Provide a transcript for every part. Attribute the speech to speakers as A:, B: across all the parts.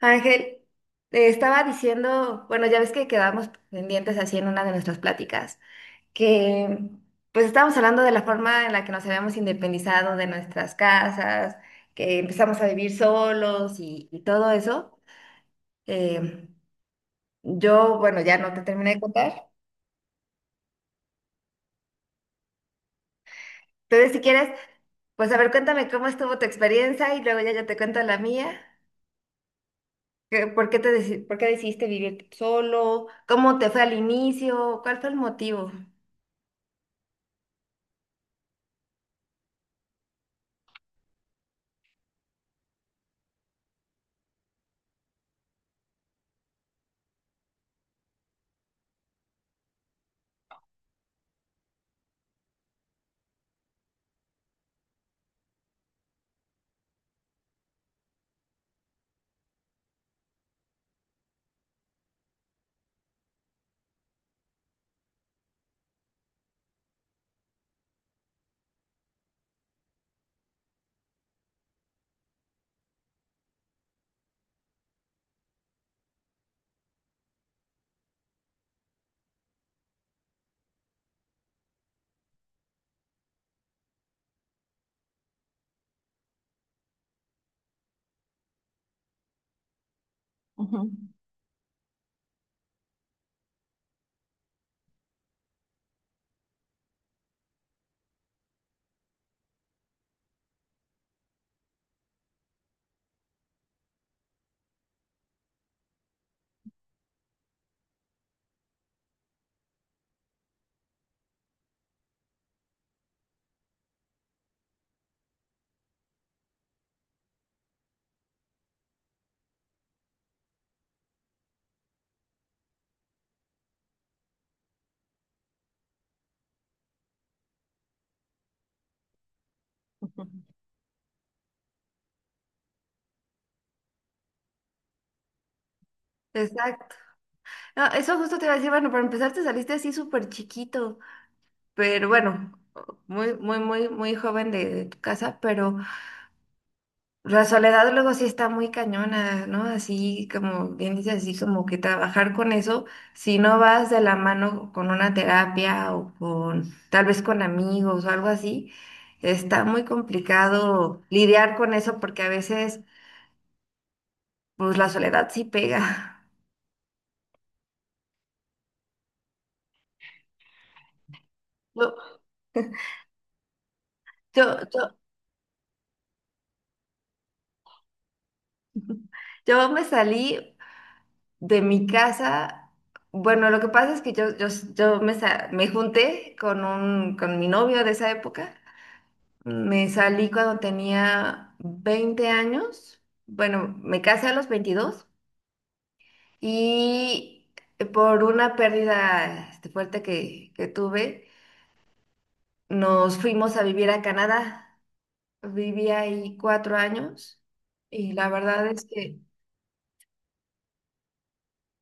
A: Ángel, te estaba diciendo, bueno, ya ves que quedamos pendientes así en una de nuestras pláticas, que pues estábamos hablando de la forma en la que nos habíamos independizado de nuestras casas, que empezamos a vivir solos y todo eso. Eh, bueno, ya no te terminé de contar. Entonces, si quieres, pues a ver, cuéntame cómo estuvo tu experiencia y luego ya yo te cuento la mía. ¿Por qué por qué decidiste vivir solo? ¿Cómo te fue al inicio? ¿Cuál fue el motivo? Exacto. No, eso justo te iba a decir, bueno, para empezar te saliste así súper chiquito, pero bueno, muy, muy, muy, muy joven de tu casa, pero la soledad luego sí está muy cañona, ¿no? Así como bien dices, así como que trabajar con eso, si no vas de la mano con una terapia o con tal vez con amigos o algo así, está muy complicado lidiar con eso porque a veces, pues la soledad sí pega. Yo, yo, yo, yo me salí de mi casa, bueno, lo que pasa es que yo me junté con mi novio de esa época. Me salí cuando tenía 20 años. Bueno, me casé a los 22 y por una pérdida fuerte que tuve, nos fuimos a vivir a Canadá. Viví ahí 4 años y la verdad es que,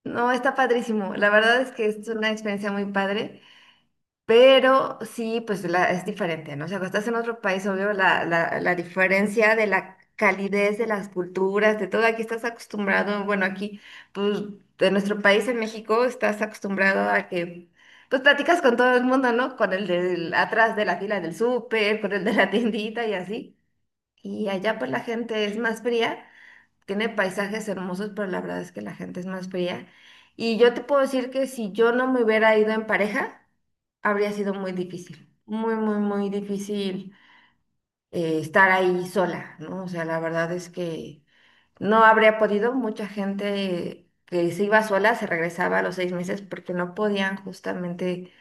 A: no, está padrísimo. La verdad es que es una experiencia muy padre. Pero sí, es diferente, ¿no? O sea, cuando estás en otro país, obvio, la diferencia de la calidez de las culturas, de todo, aquí estás acostumbrado, bueno, aquí, pues, de nuestro país, en México, estás acostumbrado a que, pues, platicas con todo el mundo, ¿no? Con el del atrás de la fila del súper, con el de la tiendita y así. Y allá, pues, la gente es más fría, tiene paisajes hermosos, pero la verdad es que la gente es más fría. Y yo te puedo decir que si yo no me hubiera ido en pareja, habría sido muy difícil, muy, muy, muy difícil estar ahí sola, ¿no? O sea, la verdad es que no habría podido. Mucha gente que se iba sola se regresaba a los 6 meses porque no podían justamente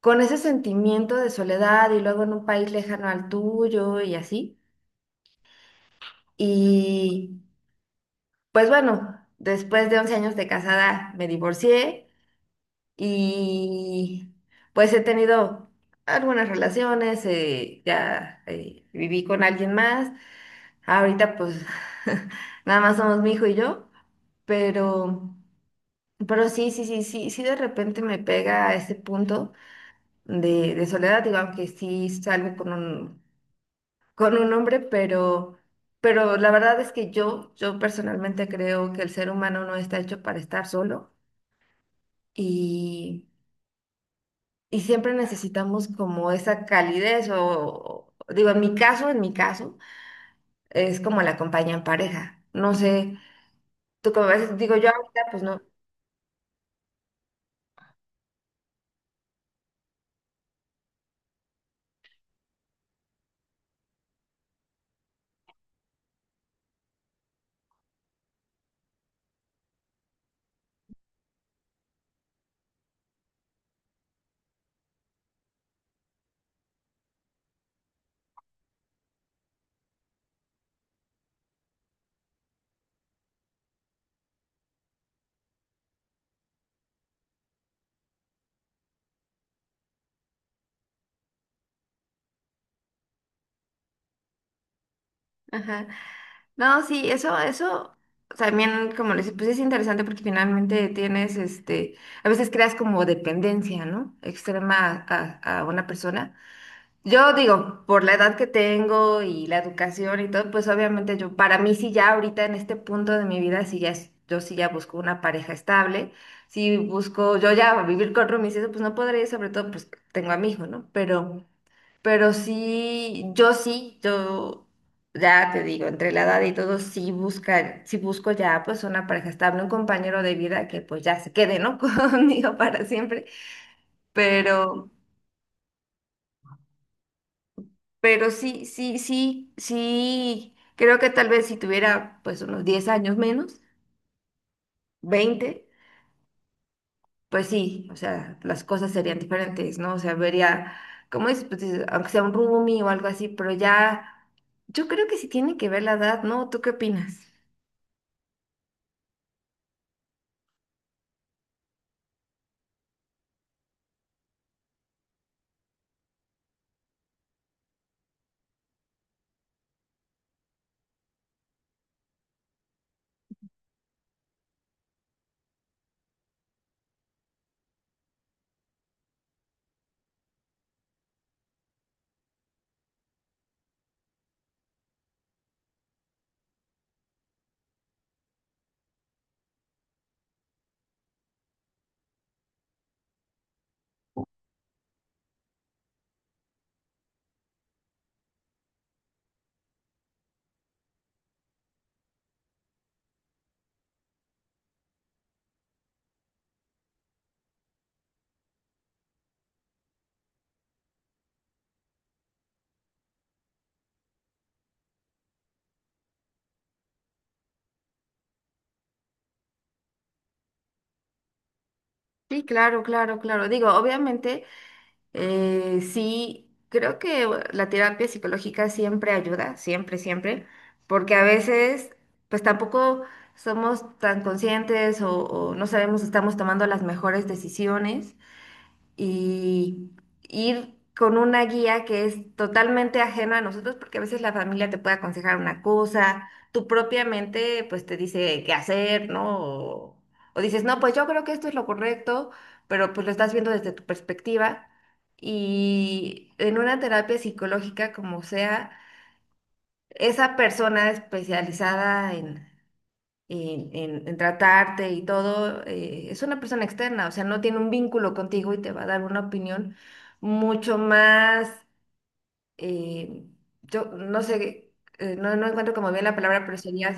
A: con ese sentimiento de soledad y luego en un país lejano al tuyo y así. Y Pues bueno, después de 11 años de casada me divorcié y pues he tenido algunas relaciones, viví con alguien más, ahorita pues nada más somos mi hijo y yo, pero, pero sí, sí, sí, sí, sí, de repente me pega a ese punto de soledad, digo, aunque sí salgo con un hombre, pero la verdad es que yo personalmente creo que el ser humano no está hecho para estar solo y, y siempre necesitamos como esa calidez o digo, en mi caso, es como la compañía en pareja. No sé, tú como ves, digo yo ahorita, pues no. Ajá. No, sí, eso también, como les pues es interesante porque finalmente tienes, a veces creas como dependencia, ¿no? Extrema a una persona. Yo digo, por la edad que tengo y la educación y todo, pues obviamente para mí sí ya ahorita en este punto de mi vida, yo sí ya busco una pareja estable, si busco, yo ya vivir con roomies, y eso pues no podría, sobre todo pues tengo a mi hijo, ¿no? Pero sí, yo ya te digo, entre la edad y todo, sí busco ya pues una pareja estable, un compañero de vida que pues ya se quede, ¿no? Conmigo para siempre. Pero, Pero sí, sí, sí, sí, creo que tal vez si tuviera pues unos 10 años menos, 20, pues sí, o sea, las cosas serían diferentes, ¿no? O sea, vería, ¿cómo es? Pues, dices, aunque sea un roomie o algo así, pero ya, yo creo que sí tiene que ver la edad, ¿no? ¿Tú qué opinas? Sí, claro, claro, claro. Digo, obviamente sí, creo que bueno, la terapia psicológica siempre ayuda, siempre, siempre, porque a veces pues tampoco somos tan conscientes o no sabemos si estamos tomando las mejores decisiones y ir con una guía que es totalmente ajena a nosotros, porque a veces la familia te puede aconsejar una cosa, tu propia mente pues te dice qué hacer, ¿no? O dices, no, pues yo creo que esto es lo correcto, pero pues lo estás viendo desde tu perspectiva. Y en una terapia psicológica como sea, esa persona especializada en tratarte y todo, es una persona externa, o sea, no tiene un vínculo contigo y te va a dar una opinión mucho más, eh, yo no sé, no encuentro como bien la palabra, pero sería...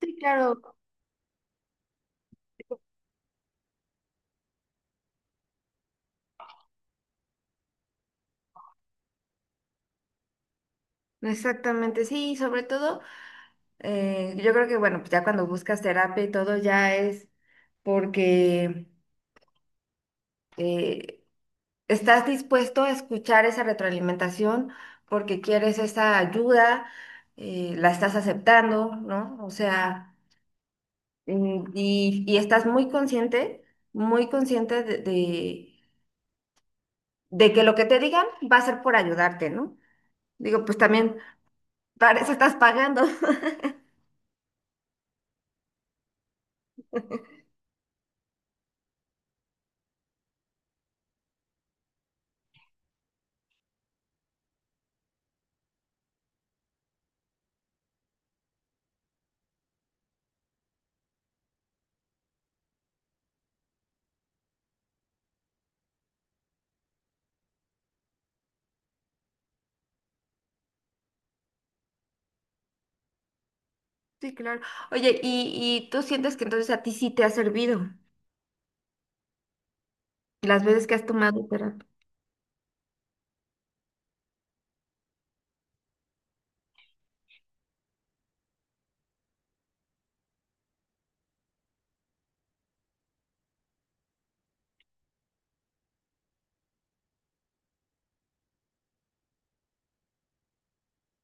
A: Sí, claro. Exactamente, sí, sobre todo, yo creo que bueno, pues ya cuando buscas terapia y todo ya es porque... eh, estás dispuesto a escuchar esa retroalimentación porque quieres esa ayuda, la estás aceptando, ¿no? O sea, y estás muy consciente de que lo que te digan va a ser por ayudarte, ¿no? Digo, pues también para eso estás pagando. Sí, claro. Oye, y tú sientes que entonces a ti sí te ha servido las veces que has tomado terapia.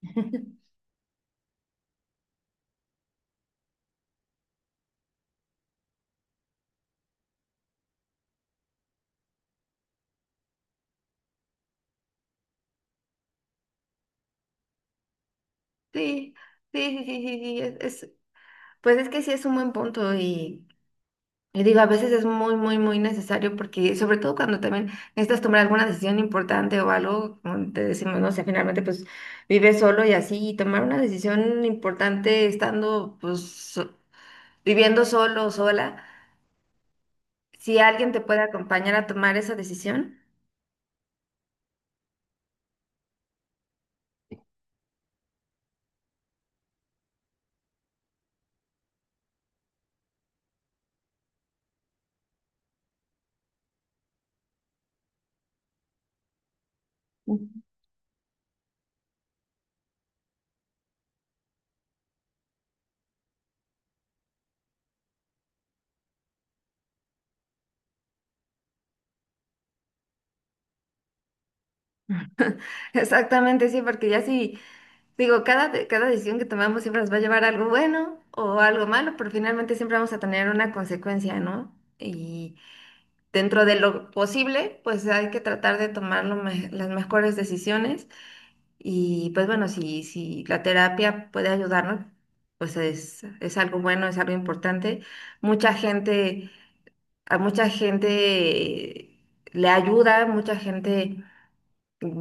A: Sí, sí, sí, sí, sí, sí, pues es que sí es un buen punto y... Y digo, a veces es muy, muy, muy necesario porque, sobre todo cuando también necesitas tomar alguna decisión importante o algo, como te decimos, no sé, finalmente pues vives solo y así, y tomar una decisión importante estando pues viviendo solo o sola, si alguien te puede acompañar a tomar esa decisión. Ujú. Exactamente, sí, porque ya sí, digo, cada decisión que tomamos siempre nos va a llevar a algo bueno o algo malo, pero finalmente siempre vamos a tener una consecuencia, ¿no? Y dentro de lo posible, pues hay que tratar de tomar las mejores decisiones y pues bueno, si la terapia puede ayudarnos, pues es algo bueno, es algo importante. Mucha gente, a mucha gente le ayuda, mucha gente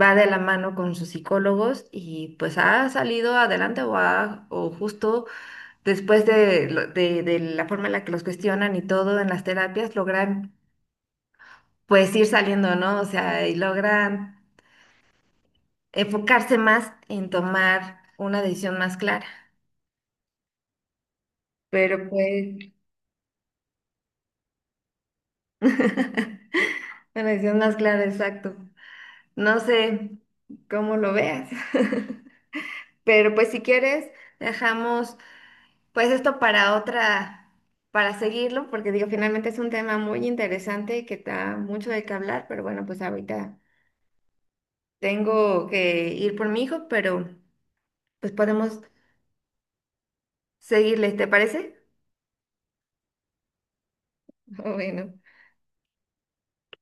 A: va de la mano con sus psicólogos y pues ha salido adelante o justo después de de la forma en la que los cuestionan y todo en las terapias, logran pues ir saliendo, ¿no? O sea, y logran enfocarse más en tomar una decisión más clara. Pero pues, una decisión más clara, exacto. No sé cómo lo veas. Pero pues si quieres, dejamos pues esto para otra, para seguirlo, porque digo, finalmente es un tema muy interesante que da mucho de qué hablar, pero bueno, pues ahorita tengo que ir por mi hijo, pero pues podemos seguirle, ¿te parece? Bueno.